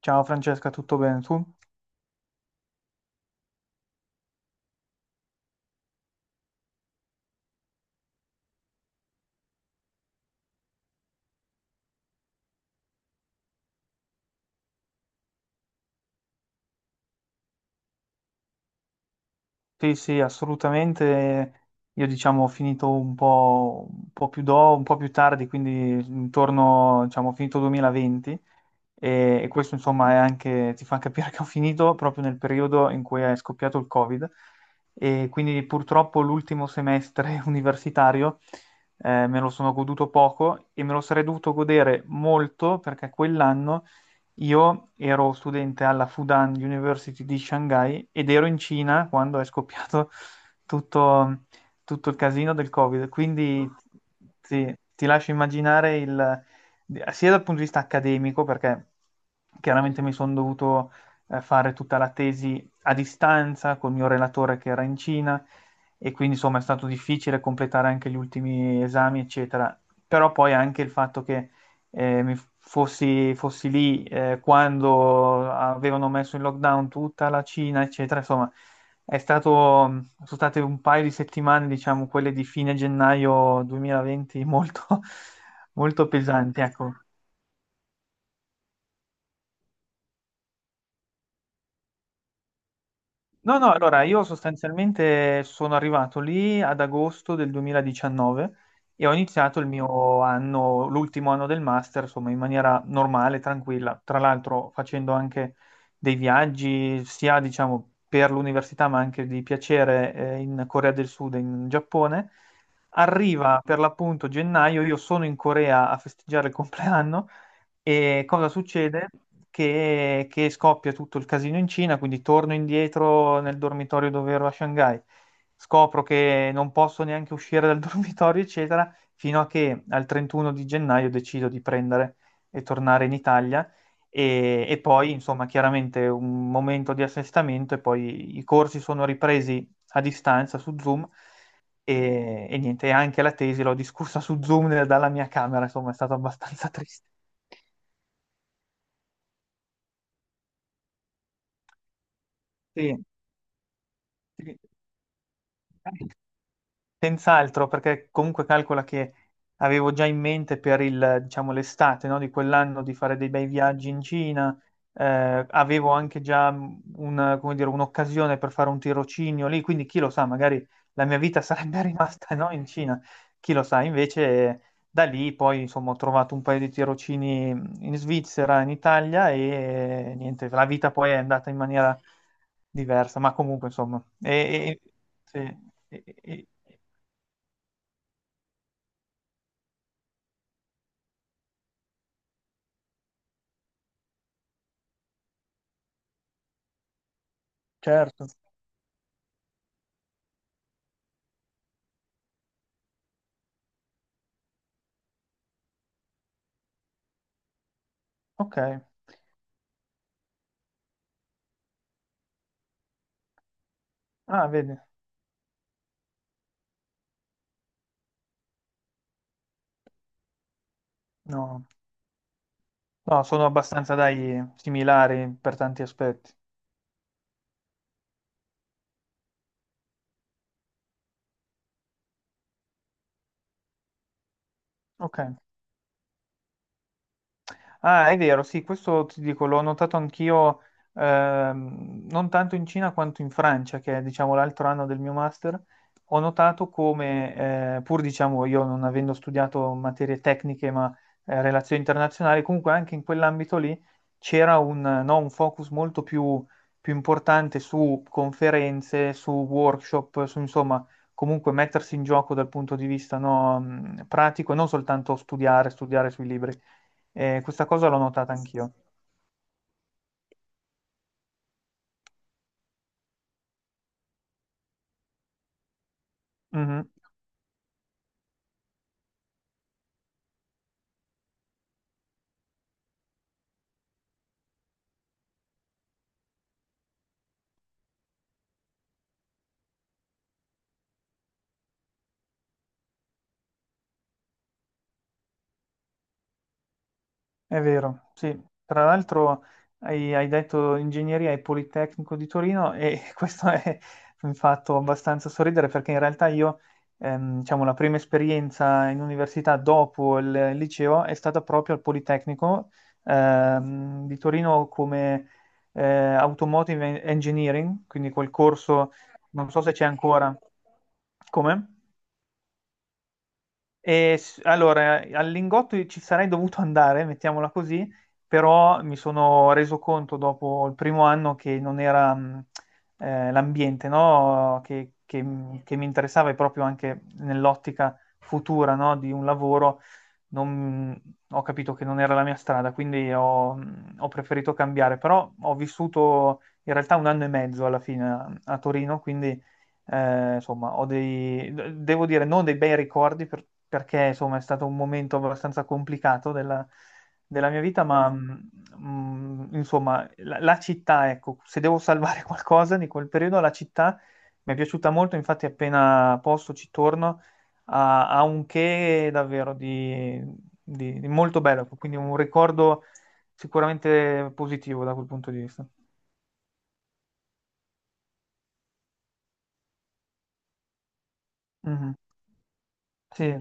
Ciao Francesca, tutto bene tu? Sì, sì, assolutamente. Io diciamo ho finito un po', un po' più tardi, quindi intorno, diciamo, ho finito 2020. E questo insomma è anche, ti fa capire che ho finito proprio nel periodo in cui è scoppiato il Covid, e quindi purtroppo l'ultimo semestre universitario me lo sono goduto poco e me lo sarei dovuto godere molto, perché quell'anno io ero studente alla Fudan University di Shanghai ed ero in Cina quando è scoppiato tutto, il casino del Covid. Quindi sì, ti lascio immaginare il, sia dal punto di vista accademico, perché chiaramente mi sono dovuto fare tutta la tesi a distanza col mio relatore che era in Cina, e quindi insomma è stato difficile completare anche gli ultimi esami, eccetera. Però poi anche il fatto che fossi lì quando avevano messo in lockdown tutta la Cina, eccetera. Insomma, è stato, sono state un paio di settimane, diciamo, quelle di fine gennaio 2020, molto, molto pesanti, ecco. No, no, allora io sostanzialmente sono arrivato lì ad agosto del 2019 e ho iniziato il mio anno, l'ultimo anno del master, insomma, in maniera normale, tranquilla. Tra l'altro facendo anche dei viaggi, sia diciamo per l'università, ma anche di piacere, in Corea del Sud e in Giappone. Arriva per l'appunto gennaio, io sono in Corea a festeggiare il compleanno, e cosa succede? Che scoppia tutto il casino in Cina, quindi torno indietro nel dormitorio dove ero a Shanghai, scopro che non posso neanche uscire dal dormitorio, eccetera, fino a che al 31 di gennaio decido di prendere e tornare in Italia. E poi, insomma, chiaramente un momento di assestamento, e poi i corsi sono ripresi a distanza su Zoom e niente, e anche la tesi l'ho discussa su Zoom dalla mia camera, insomma, è stato abbastanza triste. Sì, sì. Senz'altro, perché comunque calcola che avevo già in mente per il, diciamo, l'estate, no, di quell'anno di fare dei bei viaggi in Cina, avevo anche già come dire, un'occasione per fare un tirocinio lì, quindi chi lo sa, magari la mia vita sarebbe rimasta, no, in Cina, chi lo sa, invece da lì poi insomma ho trovato un paio di tirocini in Svizzera, in Italia, e niente, la vita poi è andata in maniera diversa, ma comunque insomma. Sì, e- e- certo, ok. Ah, vedi, no, no, sono abbastanza, dai, similari per tanti aspetti. Ok. Ah, è vero, sì, questo ti dico, l'ho notato anch'io, non tanto in Cina quanto in Francia, che è, diciamo, l'altro anno del mio master. Ho notato come, pur diciamo io non avendo studiato materie tecniche, ma relazioni internazionali, comunque anche in quell'ambito lì c'era un, no, un focus molto più importante su conferenze, su workshop, su insomma, comunque mettersi in gioco dal punto di vista, no, pratico, e non soltanto studiare, studiare sui libri. Questa cosa l'ho notata anch'io. Mhm. È vero, sì. Tra l'altro hai detto ingegneria e Politecnico di Torino, e questo è un fatto abbastanza sorridere, perché in realtà io, diciamo, la prima esperienza in università dopo il liceo è stata proprio al Politecnico di Torino, come Automotive Engineering, quindi quel corso, non so se c'è ancora. Come? Allora, al Lingotto ci sarei dovuto andare, mettiamola così, però mi sono reso conto dopo il primo anno che non era l'ambiente, no? Che mi interessava, e proprio anche nell'ottica futura, no? Di un lavoro non- Ho capito che non era la mia strada, quindi ho preferito cambiare, però ho vissuto in realtà un anno e mezzo alla fine a Torino, quindi insomma ho dei, devo dire non dei bei ricordi, perché insomma è stato un momento abbastanza complicato della mia vita, ma insomma la città, ecco, se devo salvare qualcosa di quel periodo, la città mi è piaciuta molto, infatti appena posso ci torno. Ha un che davvero di molto bello, quindi un ricordo sicuramente positivo da quel punto di vista. Mhm. Sì,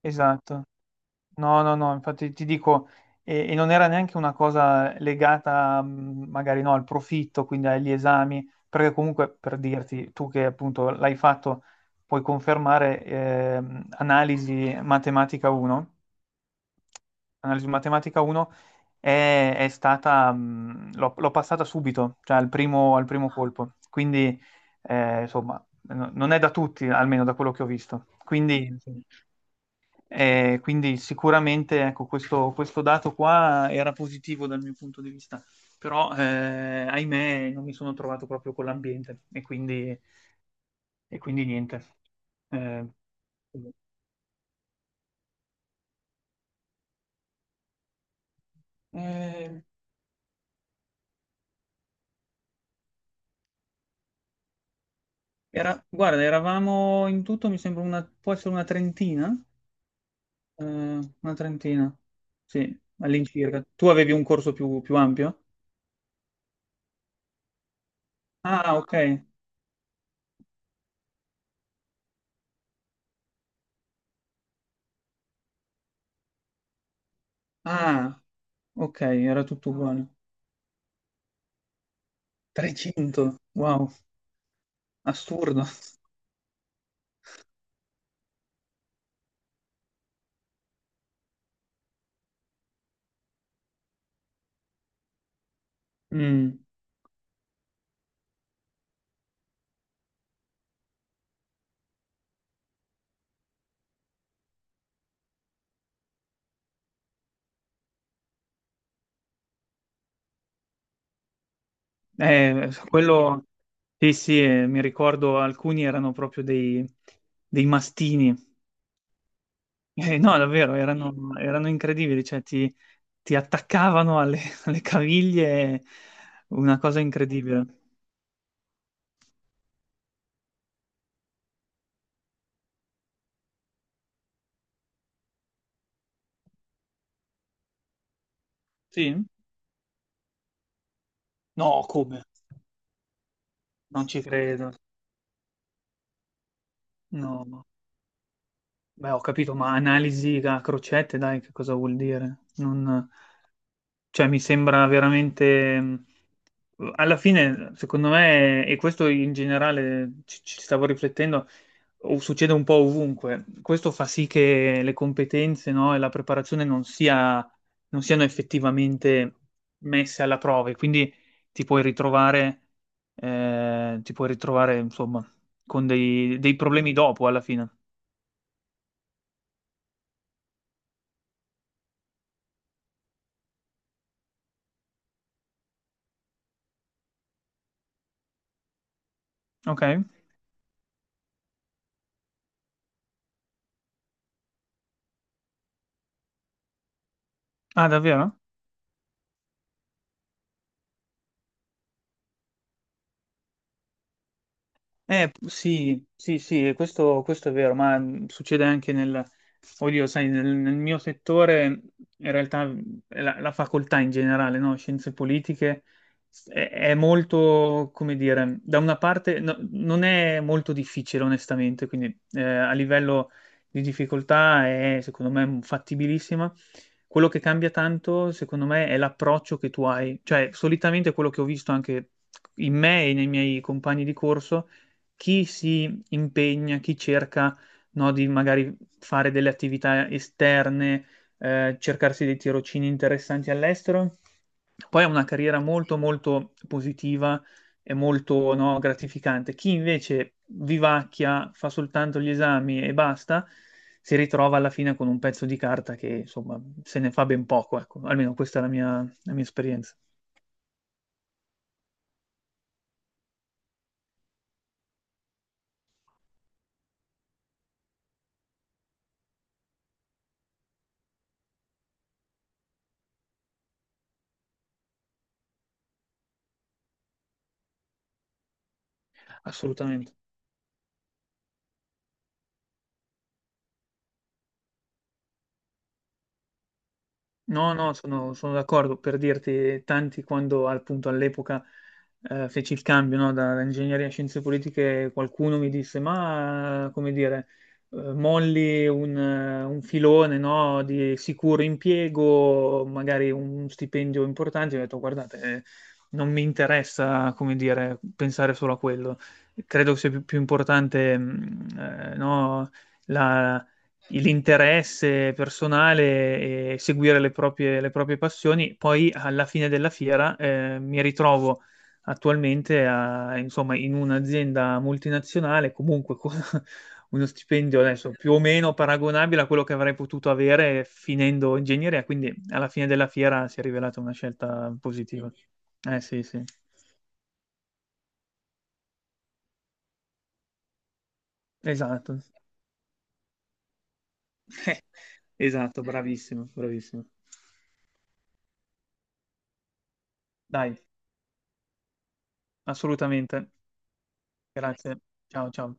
esatto. No, no, no, infatti ti dico, e non era neanche una cosa legata magari, no, al profitto, quindi agli esami, perché comunque per dirti, tu che appunto l'hai fatto, puoi confermare, analisi matematica 1 analisi matematica 1 è stata, l'ho passata subito, cioè al primo colpo. Quindi, insomma, non è da tutti, almeno da quello che ho visto. Quindi, sicuramente, ecco, questo dato qua era positivo dal mio punto di vista, però, ahimè, non mi sono trovato proprio con l'ambiente, e quindi niente. Eh, eh, Guarda, eravamo in tutto, può essere Eh, una trentina, sì, all'incirca. Tu avevi un corso più ampio? Ah, ok. Ah, ok, era tutto uguale. 300, wow, assurdo. Mm. Quello, sì, sì, mi ricordo alcuni erano proprio dei mastini. No, davvero, erano incredibili, cioè, ti attaccavano alle, alle caviglie, una cosa incredibile. Sì? No, come? Non ci credo. No, beh, ho capito, ma analisi a crocette, dai, che cosa vuol dire? Cioè, mi sembra veramente. Alla fine, secondo me, e questo in generale ci stavo riflettendo, o succede un po' ovunque. Questo fa sì che le competenze, no, e la preparazione non siano effettivamente messe alla prova, e quindi ti puoi ritrovare, ti puoi ritrovare, insomma, con dei problemi dopo alla fine. Ok? Ah, davvero? Sì, sì, sì, questo è vero, ma succede anche nel, oddio, sai, nel mio settore. In realtà la facoltà in generale, no? Scienze politiche, è molto, come dire, da una parte non è molto difficile, onestamente, quindi a livello di difficoltà è, secondo me, fattibilissima. Quello che cambia tanto, secondo me, è l'approccio che tu hai, cioè solitamente quello che ho visto anche in me e nei miei compagni di corso, chi si impegna, chi cerca, no, di magari fare delle attività esterne, cercarsi dei tirocini interessanti all'estero, poi è una carriera molto, molto positiva e molto, no, gratificante. Chi invece vivacchia, fa soltanto gli esami e basta, si ritrova alla fine con un pezzo di carta che, insomma, se ne fa ben poco, ecco. Almeno questa è la mia esperienza. Assolutamente. No, no, sono d'accordo, per dirti, tanti quando appunto all'epoca feci il cambio, no, da ingegneria a scienze politiche, qualcuno mi disse, ma come dire, molli un filone, no, di sicuro impiego, magari un stipendio importante. Io ho detto, guardate, non mi interessa, come dire, pensare solo a quello, credo sia più importante, no, l'interesse personale, e seguire le proprie passioni. Poi alla fine della fiera mi ritrovo attualmente insomma, in un'azienda multinazionale, comunque con uno stipendio adesso più o meno paragonabile a quello che avrei potuto avere finendo ingegneria, quindi alla fine della fiera si è rivelata una scelta positiva. Eh sì, sì, esatto. Esatto, bravissimo, bravissimo. Dai, assolutamente. Grazie, ciao ciao.